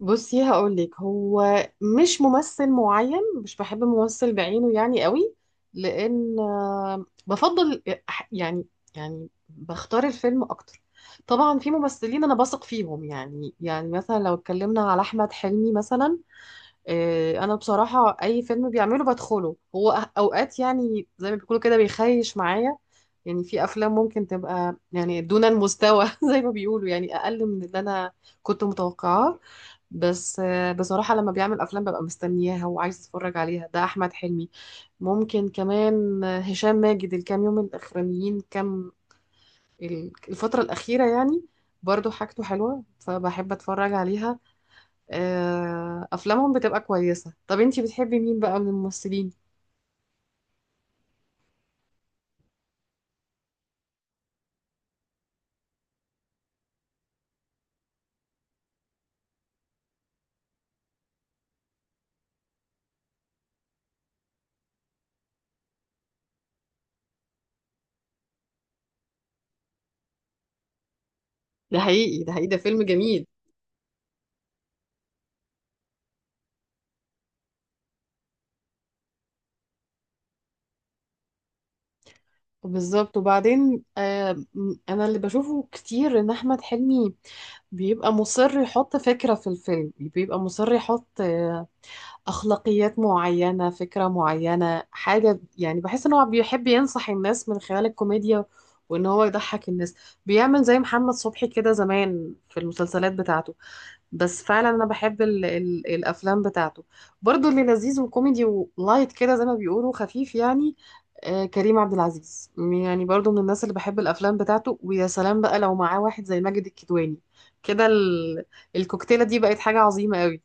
بصي هقولك. هو مش ممثل معين، مش بحب ممثل بعينه يعني قوي، لان بفضل أح- يعني بختار الفيلم اكتر. طبعا في ممثلين انا بثق فيهم، يعني مثلا لو اتكلمنا على احمد حلمي مثلا. انا بصراحة اي فيلم بيعمله بدخله هو. اوقات يعني زي ما بيقولوا كده بيخيش معايا. يعني في افلام ممكن تبقى يعني دون المستوى زي ما بيقولوا يعني اقل من اللي انا كنت متوقعاه. بس بصراحة لما بيعمل أفلام ببقى مستنياها وعايز أتفرج عليها. ده أحمد حلمي. ممكن كمان هشام ماجد الكام يوم الأخرانيين كام، الفترة الأخيرة يعني، برضو حاجته حلوة فبحب أتفرج عليها. أفلامهم بتبقى كويسة. طب أنتي بتحبي مين بقى من الممثلين؟ ده حقيقي، ده حقيقي، ده فيلم جميل. بالظبط. وبعدين أنا اللي بشوفه كتير إن أحمد حلمي بيبقى مصر يحط فكرة في الفيلم، بيبقى مصر يحط أخلاقيات معينة، فكرة معينة، حاجة. يعني بحس إن هو بيحب ينصح الناس من خلال الكوميديا وإن هو يضحك الناس. بيعمل زي محمد صبحي كده زمان في المسلسلات بتاعته. بس فعلا أنا بحب ال الأفلام بتاعته، برضو اللي لذيذ وكوميدي ولايت كده زي ما بيقولوا، خفيف يعني. آه، كريم عبد العزيز يعني برضو من الناس اللي بحب الأفلام بتاعته. ويا سلام بقى لو معاه واحد زي ماجد الكدواني كده، الكوكتيلة دي بقت حاجة عظيمة قوي.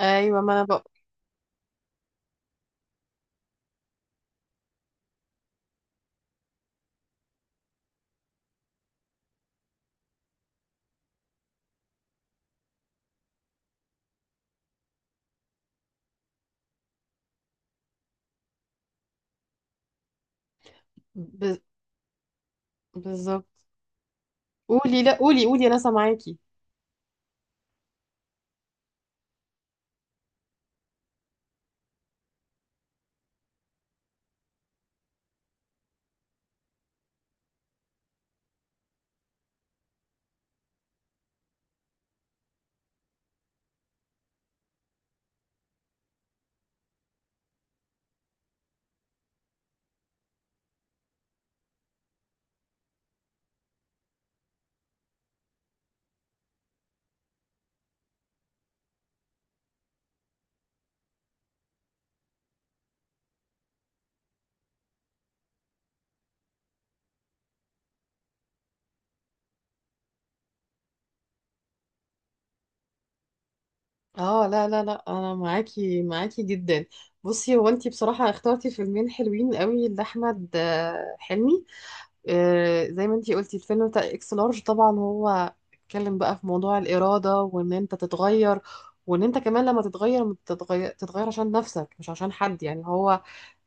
ايوه، ما انا ب... بالظبط. قولي، لا قولي، قولي، انا سامعاكي. اه لا لا لا، انا معاكي، معاكي جدا. بصي، هو انتي بصراحة اخترتي فيلمين حلوين قوي لاحمد حلمي. زي ما انتي قلتي الفيلم بتاع اكس لارج، طبعا هو اتكلم بقى في موضوع الإرادة، وان انت تتغير، وان انت كمان لما تتغير تتغير عشان نفسك مش عشان حد. يعني هو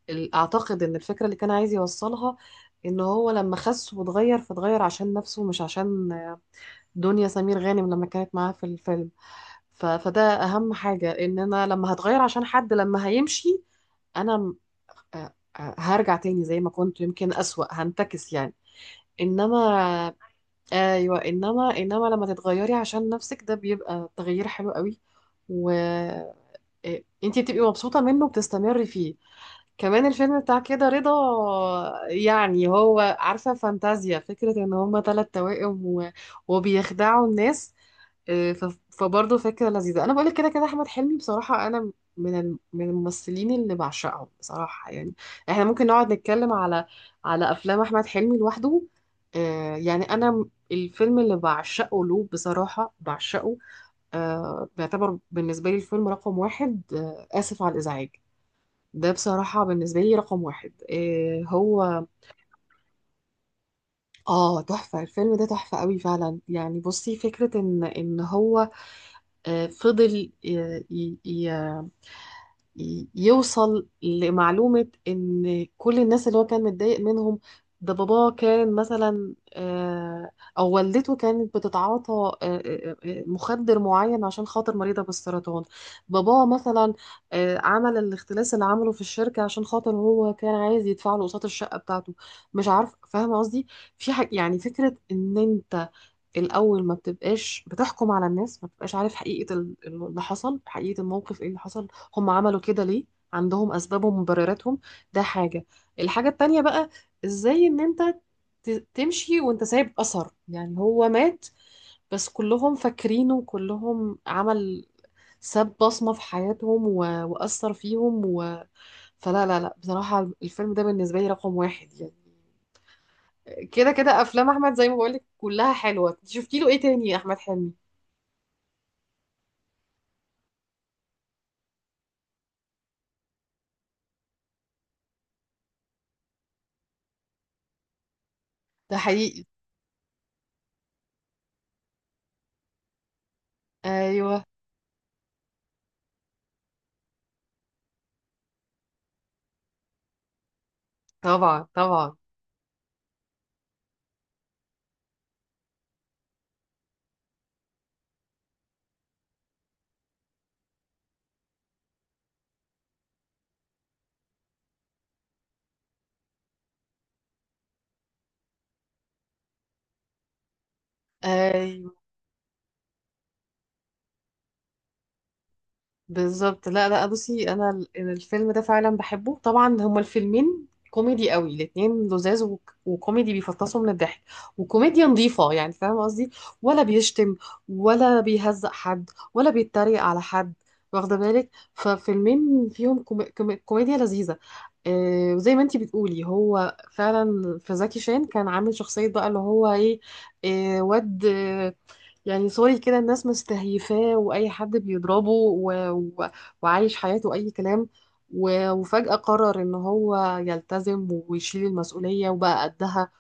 اعتقد ان الفكرة اللي كان عايز يوصلها ان هو لما خس واتغير فاتغير عشان نفسه مش عشان دنيا سمير غانم لما كانت معاه في الفيلم. فده اهم حاجة. ان انا لما هتغير عشان حد، لما هيمشي انا آه، هرجع تاني زي ما كنت، يمكن اسوأ، هنتكس يعني. انما ايوه، انما لما تتغيري عشان نفسك ده بيبقى تغيير حلو قوي. و انتي بتبقي مبسوطة منه، بتستمري فيه. كمان الفيلم بتاع كده رضا، يعني هو عارفة فانتازيا، فكرة ان هما تلات توائم وبيخدعوا الناس. فبرضه فكرة لذيذة. انا بقولك كده كده احمد حلمي بصراحة انا من من الممثلين اللي بعشقهم بصراحة. يعني احنا ممكن نقعد نتكلم على افلام احمد حلمي لوحده. يعني انا الفيلم اللي بعشقه له بصراحة، بعشقه بيعتبر بالنسبة لي الفيلم رقم واحد. آسف على الإزعاج. ده بصراحة بالنسبة لي رقم واحد. إيه هو؟ اه تحفة، الفيلم ده تحفة قوي فعلا. يعني بصي، فكرة ان هو فضل يوصل لمعلومة إن كل الناس اللي هو كان متضايق منهم، ده باباه كان مثلا، أو والدته كانت بتتعاطى مخدر معين عشان خاطر مريضة بالسرطان، باباه مثلا عمل الاختلاس اللي عمله في الشركة عشان خاطر هو كان عايز يدفع له قسط الشقة بتاعته. مش عارف فاهمة قصدي. في حاجة يعني، فكرة إن أنت الأول ما بتبقاش بتحكم على الناس، ما بتبقاش عارف حقيقة اللي حصل، حقيقة الموقف ايه اللي حصل، هم عملوا كده ليه، عندهم أسبابهم ومبرراتهم. ده حاجة. الحاجة التانية بقى، ازاي ان انت تمشي وانت سايب أثر. يعني هو مات بس كلهم فاكرينه، كلهم عمل، ساب بصمة في حياتهم، و... وأثر فيهم. و... فلا لا لا، بصراحة الفيلم ده بالنسبة لي رقم واحد يعني. كده كده أفلام أحمد زي ما بقولك كلها حلوة. شفتي له ايه تاني يا أحمد حلمي؟ ده حقيقي. ايوه. طبعا، طبعا. ايوه. بالظبط. لا لا، بصي، انا الفيلم ده فعلا بحبه. طبعا هما الفيلمين كوميدي قوي الاتنين، لذاذ وكوميدي، بيفطسوا من الضحك، وكوميديا نظيفة يعني، فاهمة قصدي، ولا بيشتم ولا بيهزق حد ولا بيتريق على حد، واخدة بالك. ففيلمين فيهم كوميديا لذيذة. آه، وزي ما انتي بتقولي هو فعلا في زكي شان كان عامل شخصية بقى اللي هو ايه، إيه، واد يعني سوري كده، الناس مستهيفاه واي حد بيضربه، و... و... وعايش حياته اي كلام، و... وفجأة قرر ان هو يلتزم ويشيل المسؤولية وبقى قدها،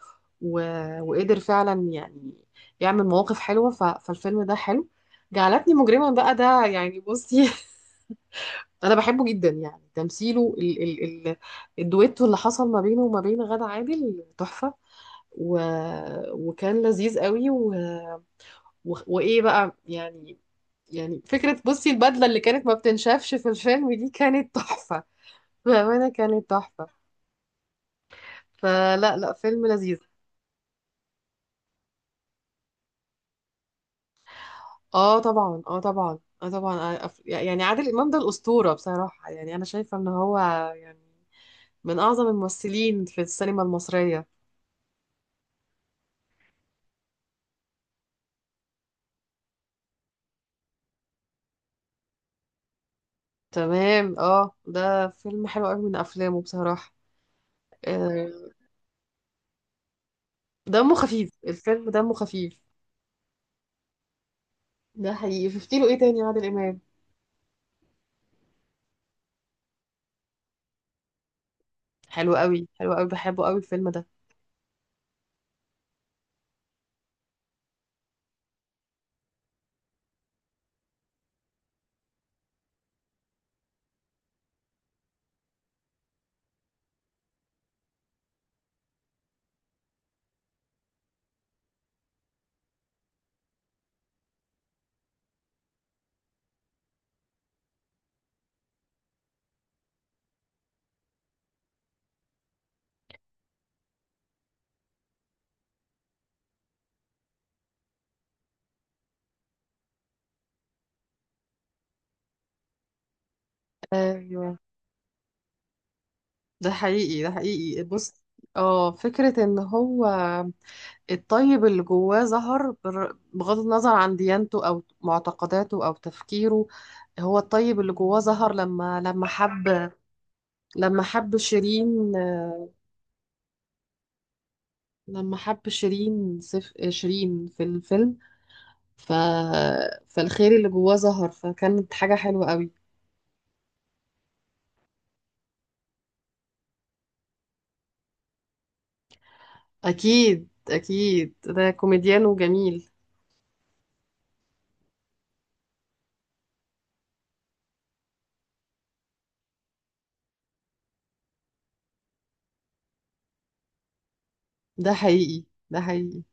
و... وقدر فعلا يعني يعمل مواقف حلوة. ف... فالفيلم ده حلو. جعلتني مجرما بقى ده، يعني بصي انا بحبه جدا. يعني تمثيله الدويتو اللي حصل ما بينه وما بين غادة عادل تحفة، و... وكان لذيذ قوي، و... وايه بقى يعني. يعني فكرة بصي البدلة اللي كانت ما بتنشافش في الفيلم دي كانت تحفة، بأمانة كانت تحفة. فلا لا، فيلم لذيذ. اه طبعا، اه طبعا، اه طبعا. يعني عادل إمام ده الأسطورة بصراحة. يعني أنا شايفة إن هو يعني من أعظم الممثلين في السينما المصرية. تمام، اه ده فيلم حلو قوي من أفلامه بصراحة. آه، دمه خفيف الفيلم، دمه خفيف. ده حقيقي. شفتي له ايه تاني يا عادل إمام؟ حلو قوي، حلو قوي، بحبه قوي الفيلم ده. ايوه. ده حقيقي، ده حقيقي. بص، اه فكرة ان هو الطيب اللي جواه ظهر بغض النظر عن ديانته او معتقداته او تفكيره. هو الطيب اللي جواه ظهر لما حب، لما حب شيرين، لما حب شيرين سف آه، شيرين في الفيلم. ف فالخير اللي جواه ظهر، فكانت حاجة حلوة قوي. اكيد، اكيد، ده كوميديان وجميل. ده حقيقي، ده حقيقي.